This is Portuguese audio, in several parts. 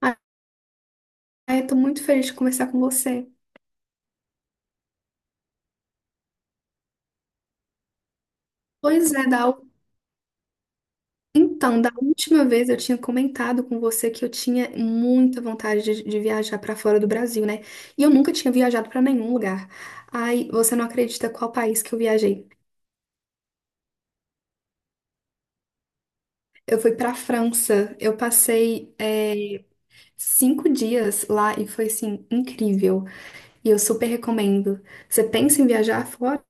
Ah, eu tô muito feliz de conversar com você. Pois é. Então, da última vez eu tinha comentado com você que eu tinha muita vontade de viajar pra fora do Brasil, né? E eu nunca tinha viajado pra nenhum lugar. Ai, você não acredita qual país que eu viajei. Eu fui pra França, eu passei cinco dias lá e foi, assim, incrível. E eu super recomendo. Você pensa em viajar fora?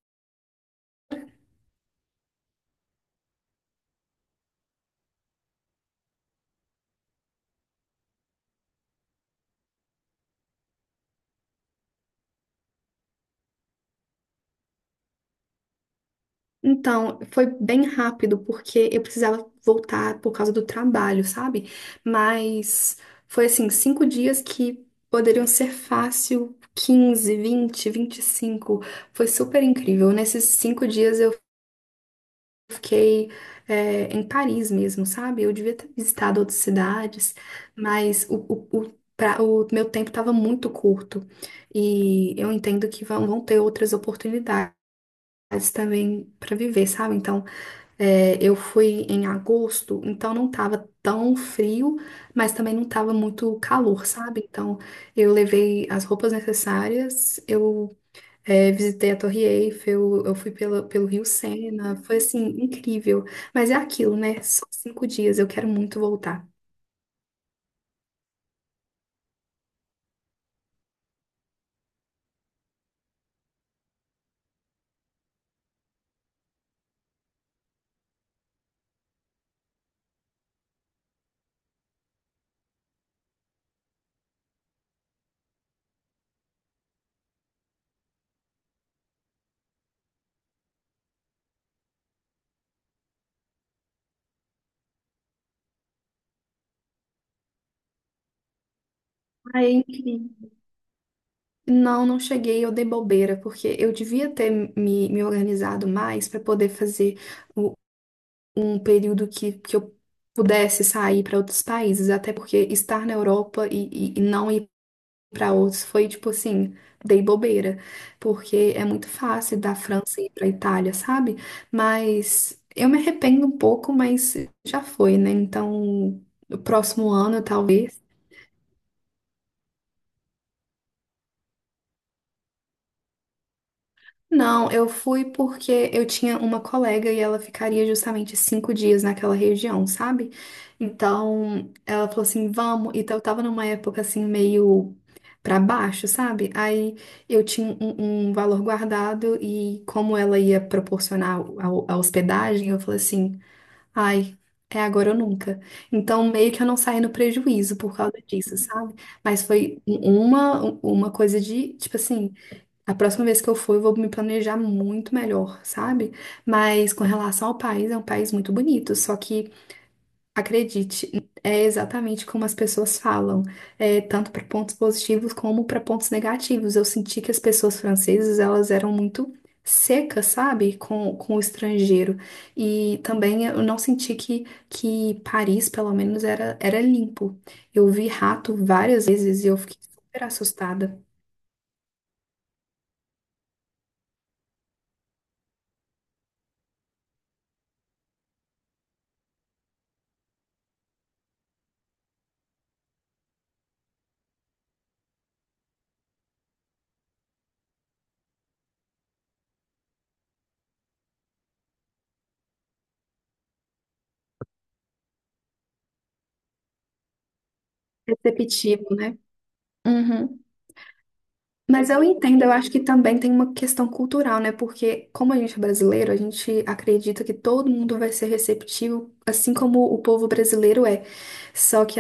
Então, foi bem rápido, porque eu precisava voltar por causa do trabalho, sabe? Mas foi assim, 5 dias que poderiam ser fácil, 15 20 25. Foi super incrível. Nesses 5 dias eu fiquei, em Paris mesmo, sabe? Eu devia ter visitado outras cidades, mas o meu tempo estava muito curto e eu entendo que vão ter outras oportunidades também para viver, sabe? Então, eu fui em agosto, então não tava tão frio, mas também não tava muito calor, sabe? Então eu levei as roupas necessárias, eu visitei a Torre Eiffel, eu fui pelo Rio Sena, foi assim, incrível. Mas é aquilo, né? Só 5 dias, eu quero muito voltar. Ai, é incrível. Não, não cheguei, eu dei bobeira, porque eu devia ter me organizado mais para poder fazer o um período que eu pudesse sair para outros países, até porque estar na Europa e não ir para outros foi tipo assim, dei bobeira, porque é muito fácil da França ir para Itália, sabe? Mas eu me arrependo um pouco, mas já foi, né? Então, no próximo ano, talvez. Não, eu fui porque eu tinha uma colega e ela ficaria justamente 5 dias naquela região, sabe? Então, ela falou assim, vamos. Então, eu tava numa época assim, meio pra baixo, sabe? Aí eu tinha um valor guardado e como ela ia proporcionar a hospedagem, eu falei assim, ai, é agora ou nunca. Então, meio que eu não saí no prejuízo por causa disso, sabe? Mas foi uma coisa de, tipo assim. A próxima vez que eu for, eu vou me planejar muito melhor, sabe? Mas com relação ao país, é um país muito bonito. Só que, acredite, é exatamente como as pessoas falam, tanto para pontos positivos como para pontos negativos. Eu senti que as pessoas francesas, elas eram muito secas, sabe? Com o estrangeiro. E também eu não senti que Paris, pelo menos, era limpo. Eu vi rato várias vezes e eu fiquei super assustada. Perceptivo, né? Uhum. Mas eu entendo, eu acho que também tem uma questão cultural, né? Porque como a gente é brasileiro, a gente acredita que todo mundo vai ser receptivo, assim como o povo brasileiro é. Só que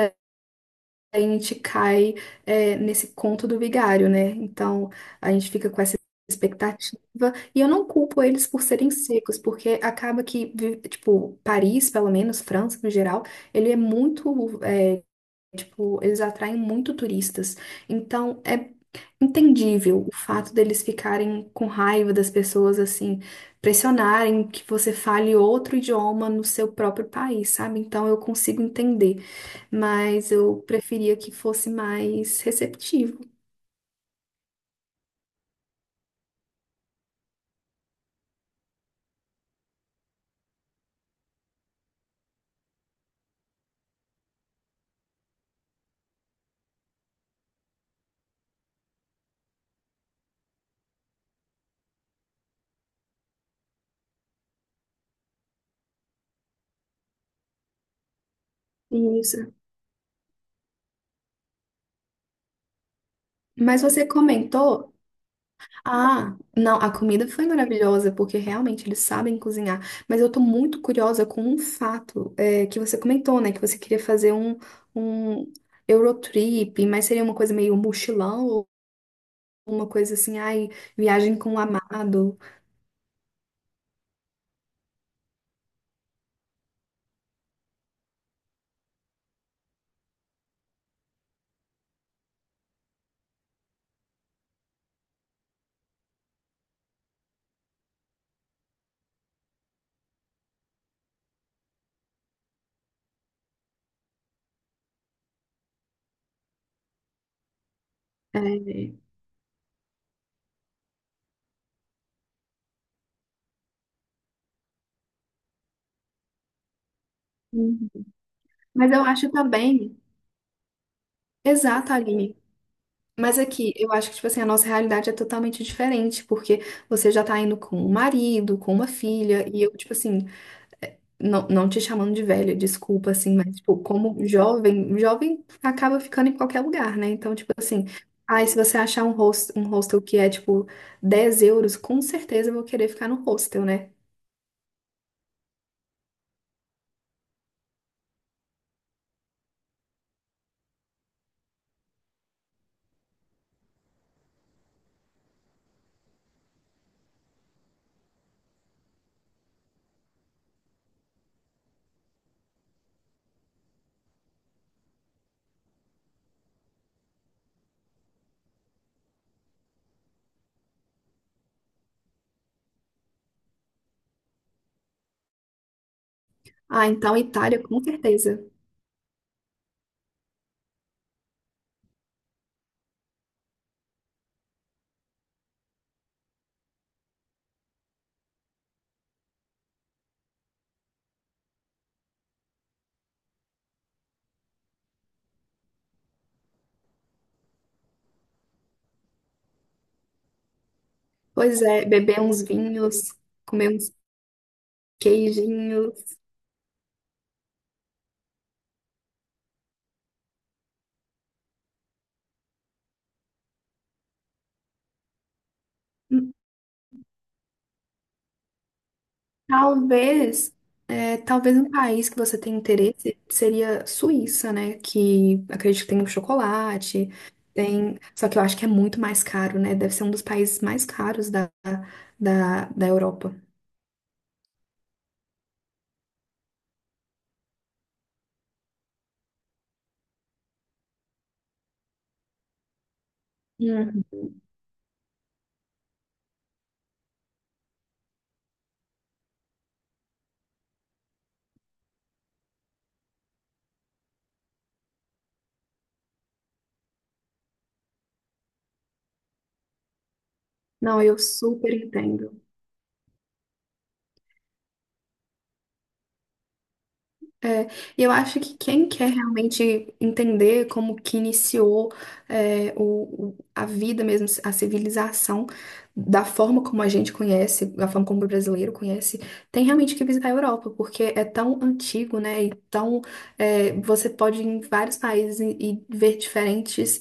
a gente cai, nesse conto do vigário, né? Então a gente fica com essa expectativa. E eu não culpo eles por serem secos, porque acaba que, tipo, Paris, pelo menos, França no geral, ele é muito tipo, eles atraem muito turistas. Então, é entendível o fato deles ficarem com raiva das pessoas, assim, pressionarem que você fale outro idioma no seu próprio país, sabe? Então, eu consigo entender, mas eu preferia que fosse mais receptivo. Isso. Mas você comentou. Ah, não, a comida foi maravilhosa, porque realmente eles sabem cozinhar. Mas eu tô muito curiosa com um fato, que você comentou, né? Que você queria fazer um Eurotrip, mas seria uma coisa meio mochilão, ou uma coisa assim, ai, viagem com o amado. É. Uhum. Mas eu acho também. Exato, Aline. Mas aqui, eu acho que, tipo assim, a nossa realidade é totalmente diferente, porque você já tá indo com um marido, com uma filha, e eu, tipo assim, não, não te chamando de velha, desculpa, assim, mas, tipo, como jovem, jovem acaba ficando em qualquer lugar, né? Então, tipo assim, ai, se você achar um hostel que é, tipo, 10 euros, com certeza eu vou querer ficar no hostel, né? Ah, então Itália, com certeza. Pois é, beber uns vinhos, comer uns queijinhos. Talvez, talvez um país que você tem interesse seria Suíça, né? Que acredito que tem um chocolate, tem. Só que eu acho que é muito mais caro, né? Deve ser um dos países mais caros da Europa. Uhum. Não, eu super entendo. É, e eu acho que quem quer realmente entender como que iniciou a vida mesmo, a civilização, da forma como a gente conhece, da forma como o brasileiro conhece, tem realmente que visitar a Europa, porque é tão antigo, né? E tão, você pode ir em vários países e ver diferentes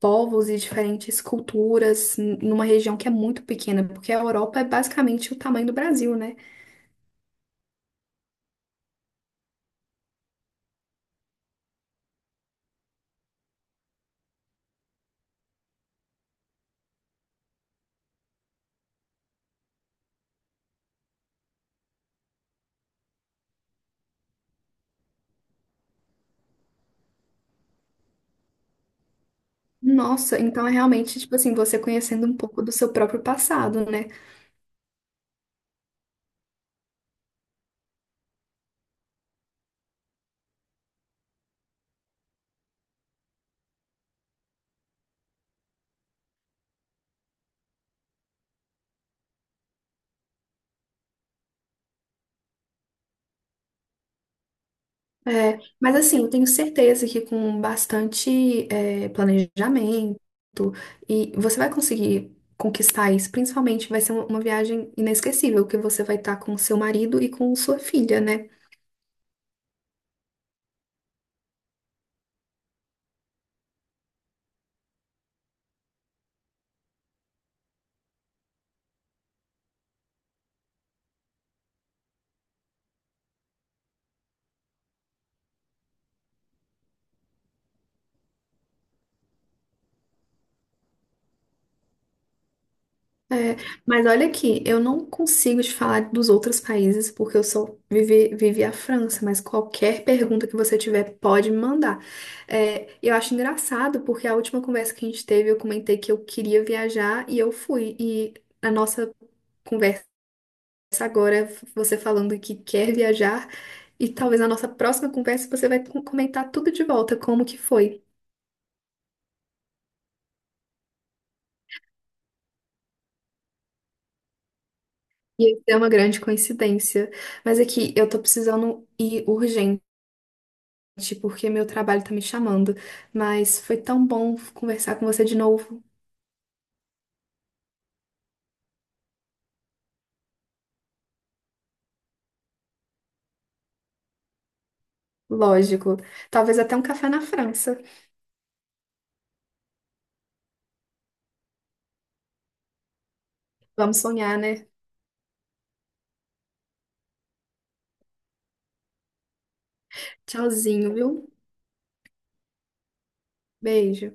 povos e diferentes culturas numa região que é muito pequena, porque a Europa é basicamente o tamanho do Brasil, né? Nossa, então é realmente, tipo assim, você conhecendo um pouco do seu próprio passado, né? É, mas assim, eu tenho certeza que com bastante planejamento e você vai conseguir conquistar isso, principalmente vai ser uma viagem inesquecível, que você vai estar com seu marido e com sua filha, né? É, mas olha aqui, eu não consigo te falar dos outros países porque eu só vivi a França, mas qualquer pergunta que você tiver pode me mandar. É, eu acho engraçado porque a última conversa que a gente teve eu comentei que eu queria viajar e eu fui. E a nossa conversa agora é você falando que quer viajar e talvez na nossa próxima conversa você vai comentar tudo de volta, como que foi. E isso é uma grande coincidência. Mas aqui, eu tô precisando ir urgente porque meu trabalho tá me chamando. Mas foi tão bom conversar com você de novo. Lógico. Talvez até um café na França. Vamos sonhar, né? Tchauzinho, viu? Beijo.